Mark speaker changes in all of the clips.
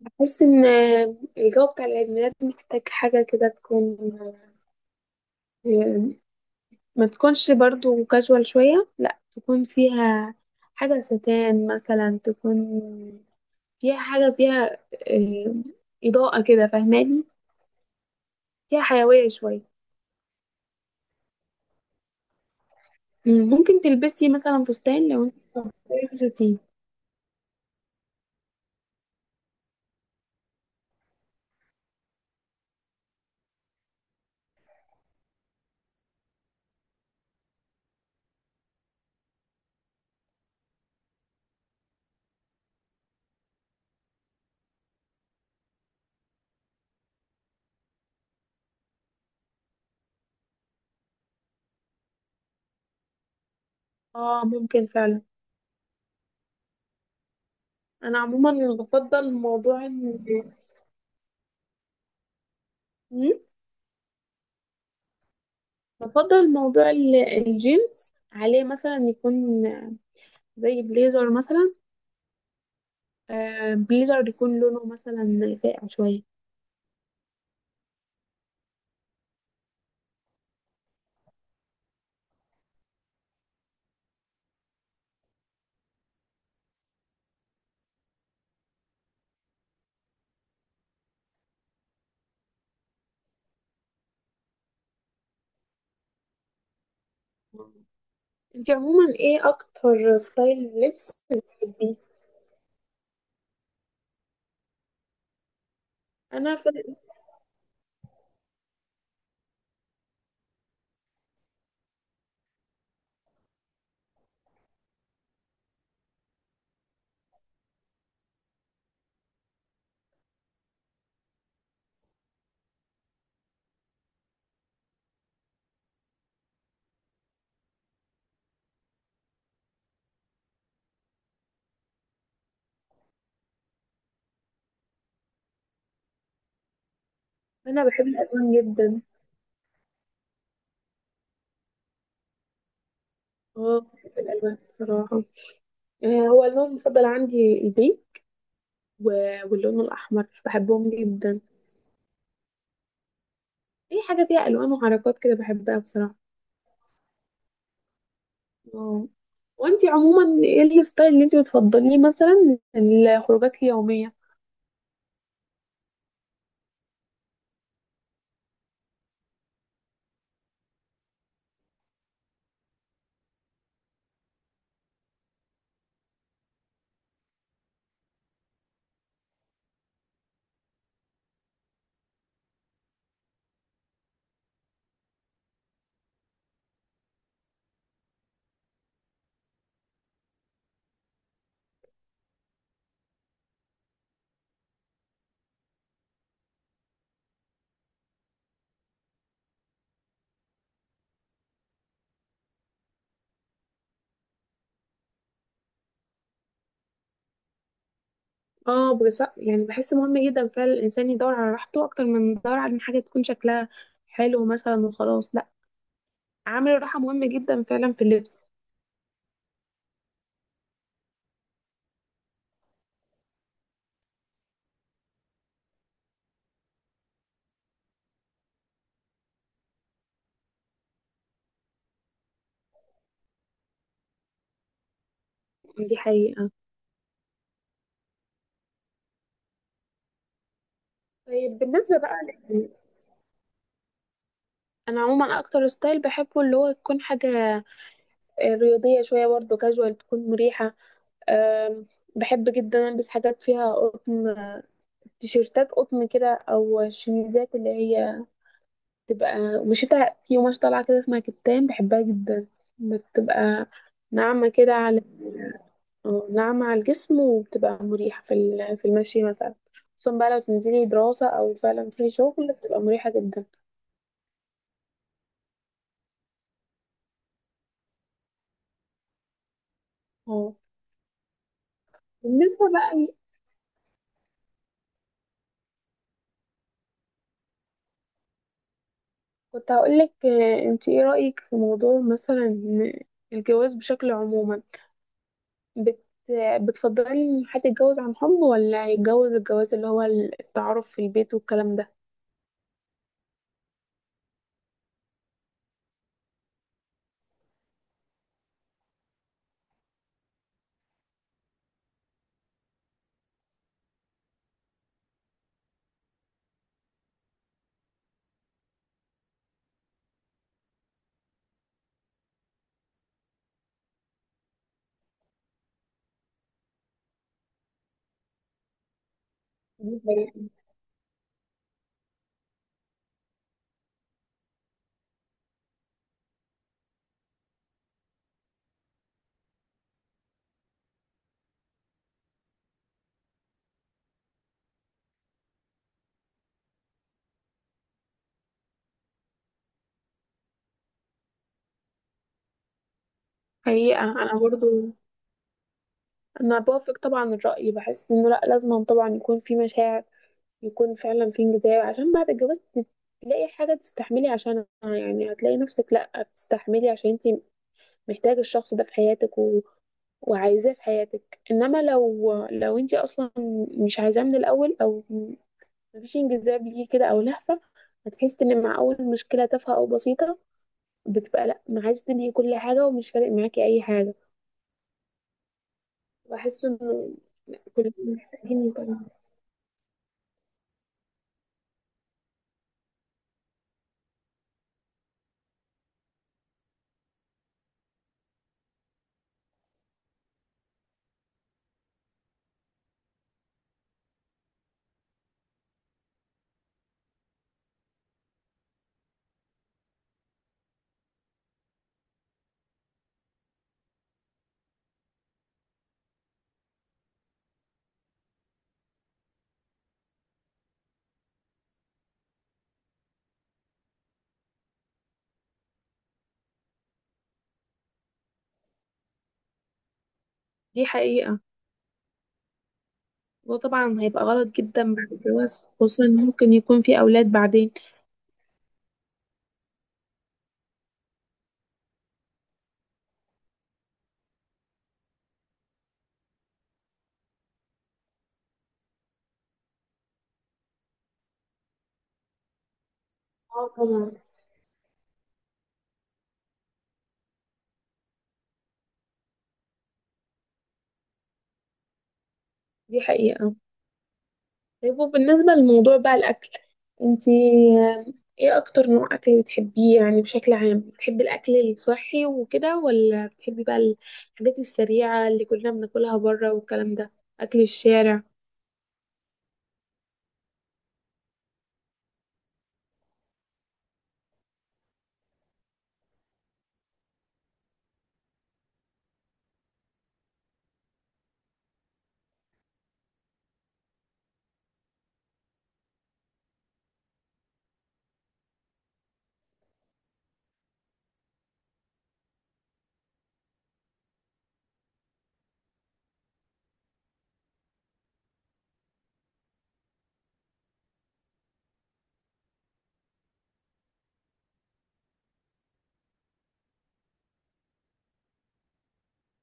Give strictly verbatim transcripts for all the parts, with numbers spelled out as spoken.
Speaker 1: بحس ان الجو بتاع العيد ميلاد محتاج حاجة كده تكون، ما تكونش برضو كاجوال شوية، لا تكون فيها حاجة ستان، مثلا تكون فيها حاجة فيها آه، إضاءة كده، فاهماني؟ فيها حيوية شوية. مم، ممكن تلبسي مثلا فستان لو انت مختارة فساتين. اه ممكن فعلا. انا عموما بفضل موضوع ال- مم، بفضل موضوع ال- الجينز، عليه مثلا يكون زي بليزر مثلا، آه، بليزر يكون لونه مثلا فاقع شوية. انتي عموما ايه اكتر ستايل لبس بتحبيه؟ انا في انا بحب الالوان جدا. اه بحب الالوان بصراحة. آه، هو اللون المفضل عندي البيج، و- واللون الاحمر بحبهم جدا. اي حاجة فيها الوان وحركات كده بحبها بصراحة. اه، وانتي عموما ايه الستايل اللي انتي بتفضليه مثلا الخروجات اليومية؟ اه بس يعني بحس مهم جدا فعلا الانسان يدور على راحته اكتر من يدور على إن حاجه تكون شكلها حلو مثلا وخلاص، لا. عامل الراحه مهم جدا فعلا في اللبس. دي حقيقه. طيب بالنسبه بقى ل- انا عموما اكتر ستايل بحبه اللي هو تكون حاجه آه، رياضيه شويه، برضه كاجوال، تكون مريحه. آم، بحب جدا البس حاجات فيها قطن، آه، تيشيرتات قطن كده، او شميزات اللي هي تبقى ومشيتها في قماش طالعة كده اسمها كتان، بحبها جدا. بتبقى ناعمة كده على، اه، ناعمة على الجسم، وبتبقى مريحة في ال- في المشي مثلا. خصوصا بقى لو تنزلي دراسة أو فعلا في شغل بتبقى مريحة جدا. اه. بالنسبة بقى ل- كنت هقولك، آه، انت ايه رأيك في موضوع مثلا إن الجواز بشكل عموما، بت بتفضلي ان حد يتجوز عن حب، ولا يتجوز الجواز اللي هو التعارف في البيت والكلام ده؟ بالنسبة لي. حقيقة أنا برضو انا بوافق طبعا الرأي. بحس انه لا، لازم طبعا يكون في مشاعر، يكون فعلا في انجذاب، عشان بعد الجواز تلاقي حاجة تستحملي عشانها. يعني هتلاقي نفسك لا بتستحملي عشان انت محتاجة الشخص ده في حياتك، و... وعايزاه في حياتك. انما لو لو انت اصلا مش عايزاه من الاول، او مفيش انجذاب ليه كده او لهفة، هتحس ان مع اول مشكلة تافهة او بسيطة بتبقى لا، ما عايزة تنهي كل حاجة ومش فارق معاكي اي حاجة. بحس انه لا، كلنا محتاجين. دي حقيقة. وده طبعا هيبقى غلط جدا بعد الجواز، خصوصا إن ممكن يكون في أولاد بعدين. اه طبعا. دي حقيقة. طيب وبالنسبة لموضوع بقى الأكل، انتي ايه أكتر نوع أكل بتحبيه؟ يعني بشكل عام بتحبي الأكل الصحي وكده، ولا بتحبي بقى الحاجات السريعة اللي كلنا بناكلها بره والكلام ده، أكل الشارع؟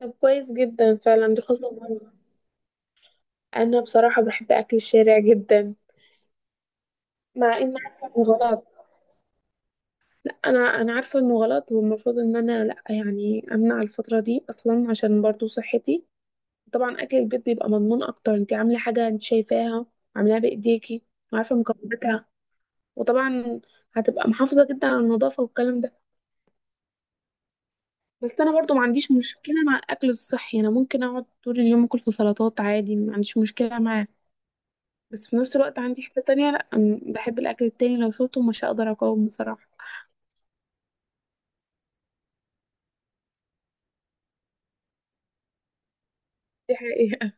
Speaker 1: طب كويس جدا، فعلا دي خطوة مهمة. أنا بصراحة بحب أكل الشارع جدا، مع إن عارفة إنه غلط. انا انا عارفه انه غلط، والمفروض ان انا لا، يعني امنع الفتره دي اصلا عشان برضو صحتي. طبعا اكل البيت بيبقى مضمون اكتر، انت عامله حاجه انت شايفاها، عاملاها بايديكي، وعارفه مكوناتها، وطبعا هتبقى محافظه جدا على النظافه والكلام ده. بس انا برضو ما عنديش مشكله مع الاكل الصحي، انا ممكن اقعد طول اليوم اكل في سلطات عادي، ما عنديش مشكله معاه. بس في نفس الوقت عندي حته تانية، لا، أم- بحب الاكل التاني، لو شفته مش هقدر اقاوم بصراحه. دي حقيقه.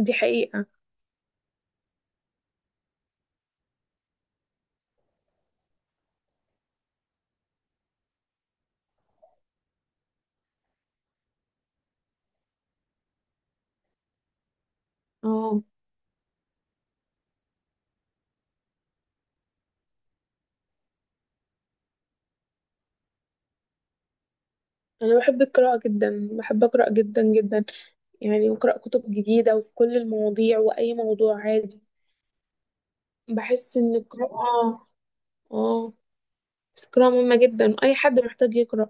Speaker 1: دي حقيقه. اه، أنا بحب القراءة جدا، بحب أقرأ جدا جدا. يعني بقرأ كتب جديدة وفي كل المواضيع، وأي موضوع عادي. بحس إن القراءة، آه، بس القراءة مهمة جدا، أي حد محتاج يقرأ.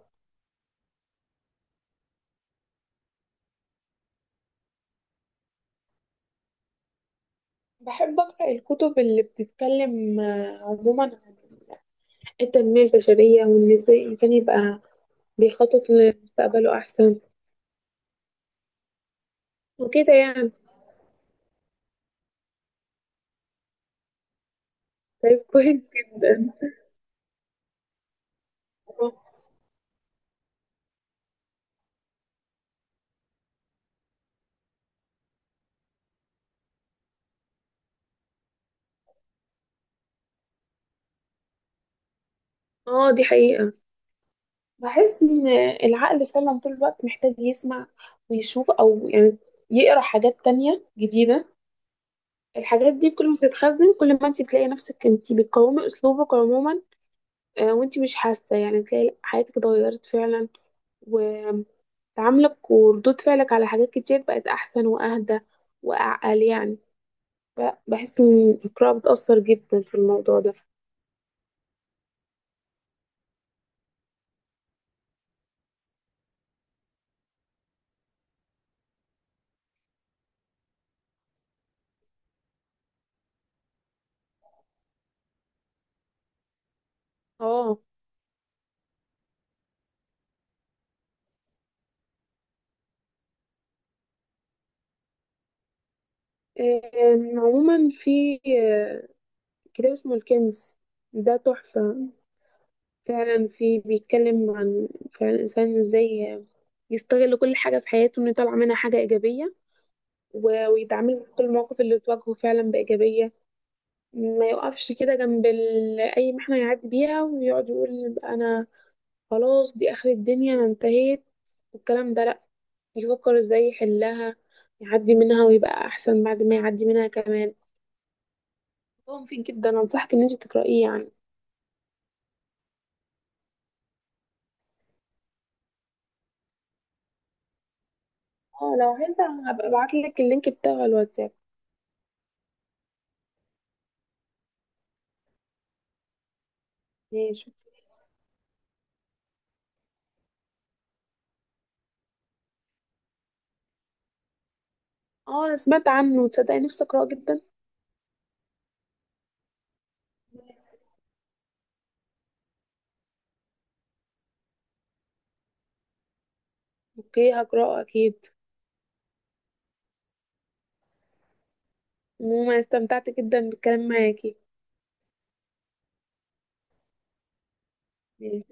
Speaker 1: بحب أقرأ الكتب اللي بتتكلم آه، عموما عن التنمية البشرية، وإن إزاي الإنسان يبقى بيخطط لمستقبله أحسن وكده يعني. طيب كويس جدا. آه. آه، دي حقيقة. بحس ان العقل فعلا طول الوقت محتاج يسمع، ويشوف، او يعني يقرا حاجات تانية جديدة. الحاجات دي كل ما تتخزن، كل ما انت تلاقي نفسك انت بتقاومي اسلوبك عموما، آه، وانت مش حاسة، يعني تلاقي حياتك اتغيرت فعلا، وتعاملك وردود فعلك على حاجات كتير بقت احسن واهدى واعقل يعني. بحس ان القراءة بتأثر جدا في الموضوع ده. اه. آم، عموما في آه، كتاب اسمه الكنز، ده تحفة فعلا. في بيتكلم عن فعلا الإنسان ازاي يستغل كل حاجة في حياته انه يطلع منها حاجة إيجابية، و- ويتعامل مع كل المواقف اللي تواجهه فعلا بإيجابية. ما يقفش كده جنب ال- أي محنة يعدي بيها ويقعد يقول أنا خلاص دي آخر الدنيا أنا انتهيت والكلام ده، لأ. يفكر ازاي يحلها، يعدي منها، ويبقى أحسن بعد ما يعدي منها كمان. هو مفيد جدا، أنصحك إن انت تقرأيه يعني. اه لو عايزة هبقى ابعتلك اللينك بتاعه على الواتساب. ماشي. اه انا سمعت عنه، تصدقي نفسي اقراه جدا. اوكي هقراه اكيد. عموما استمتعت جدا بالكلام معاكي. ماشي.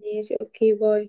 Speaker 1: ماشي، اوكي، باي.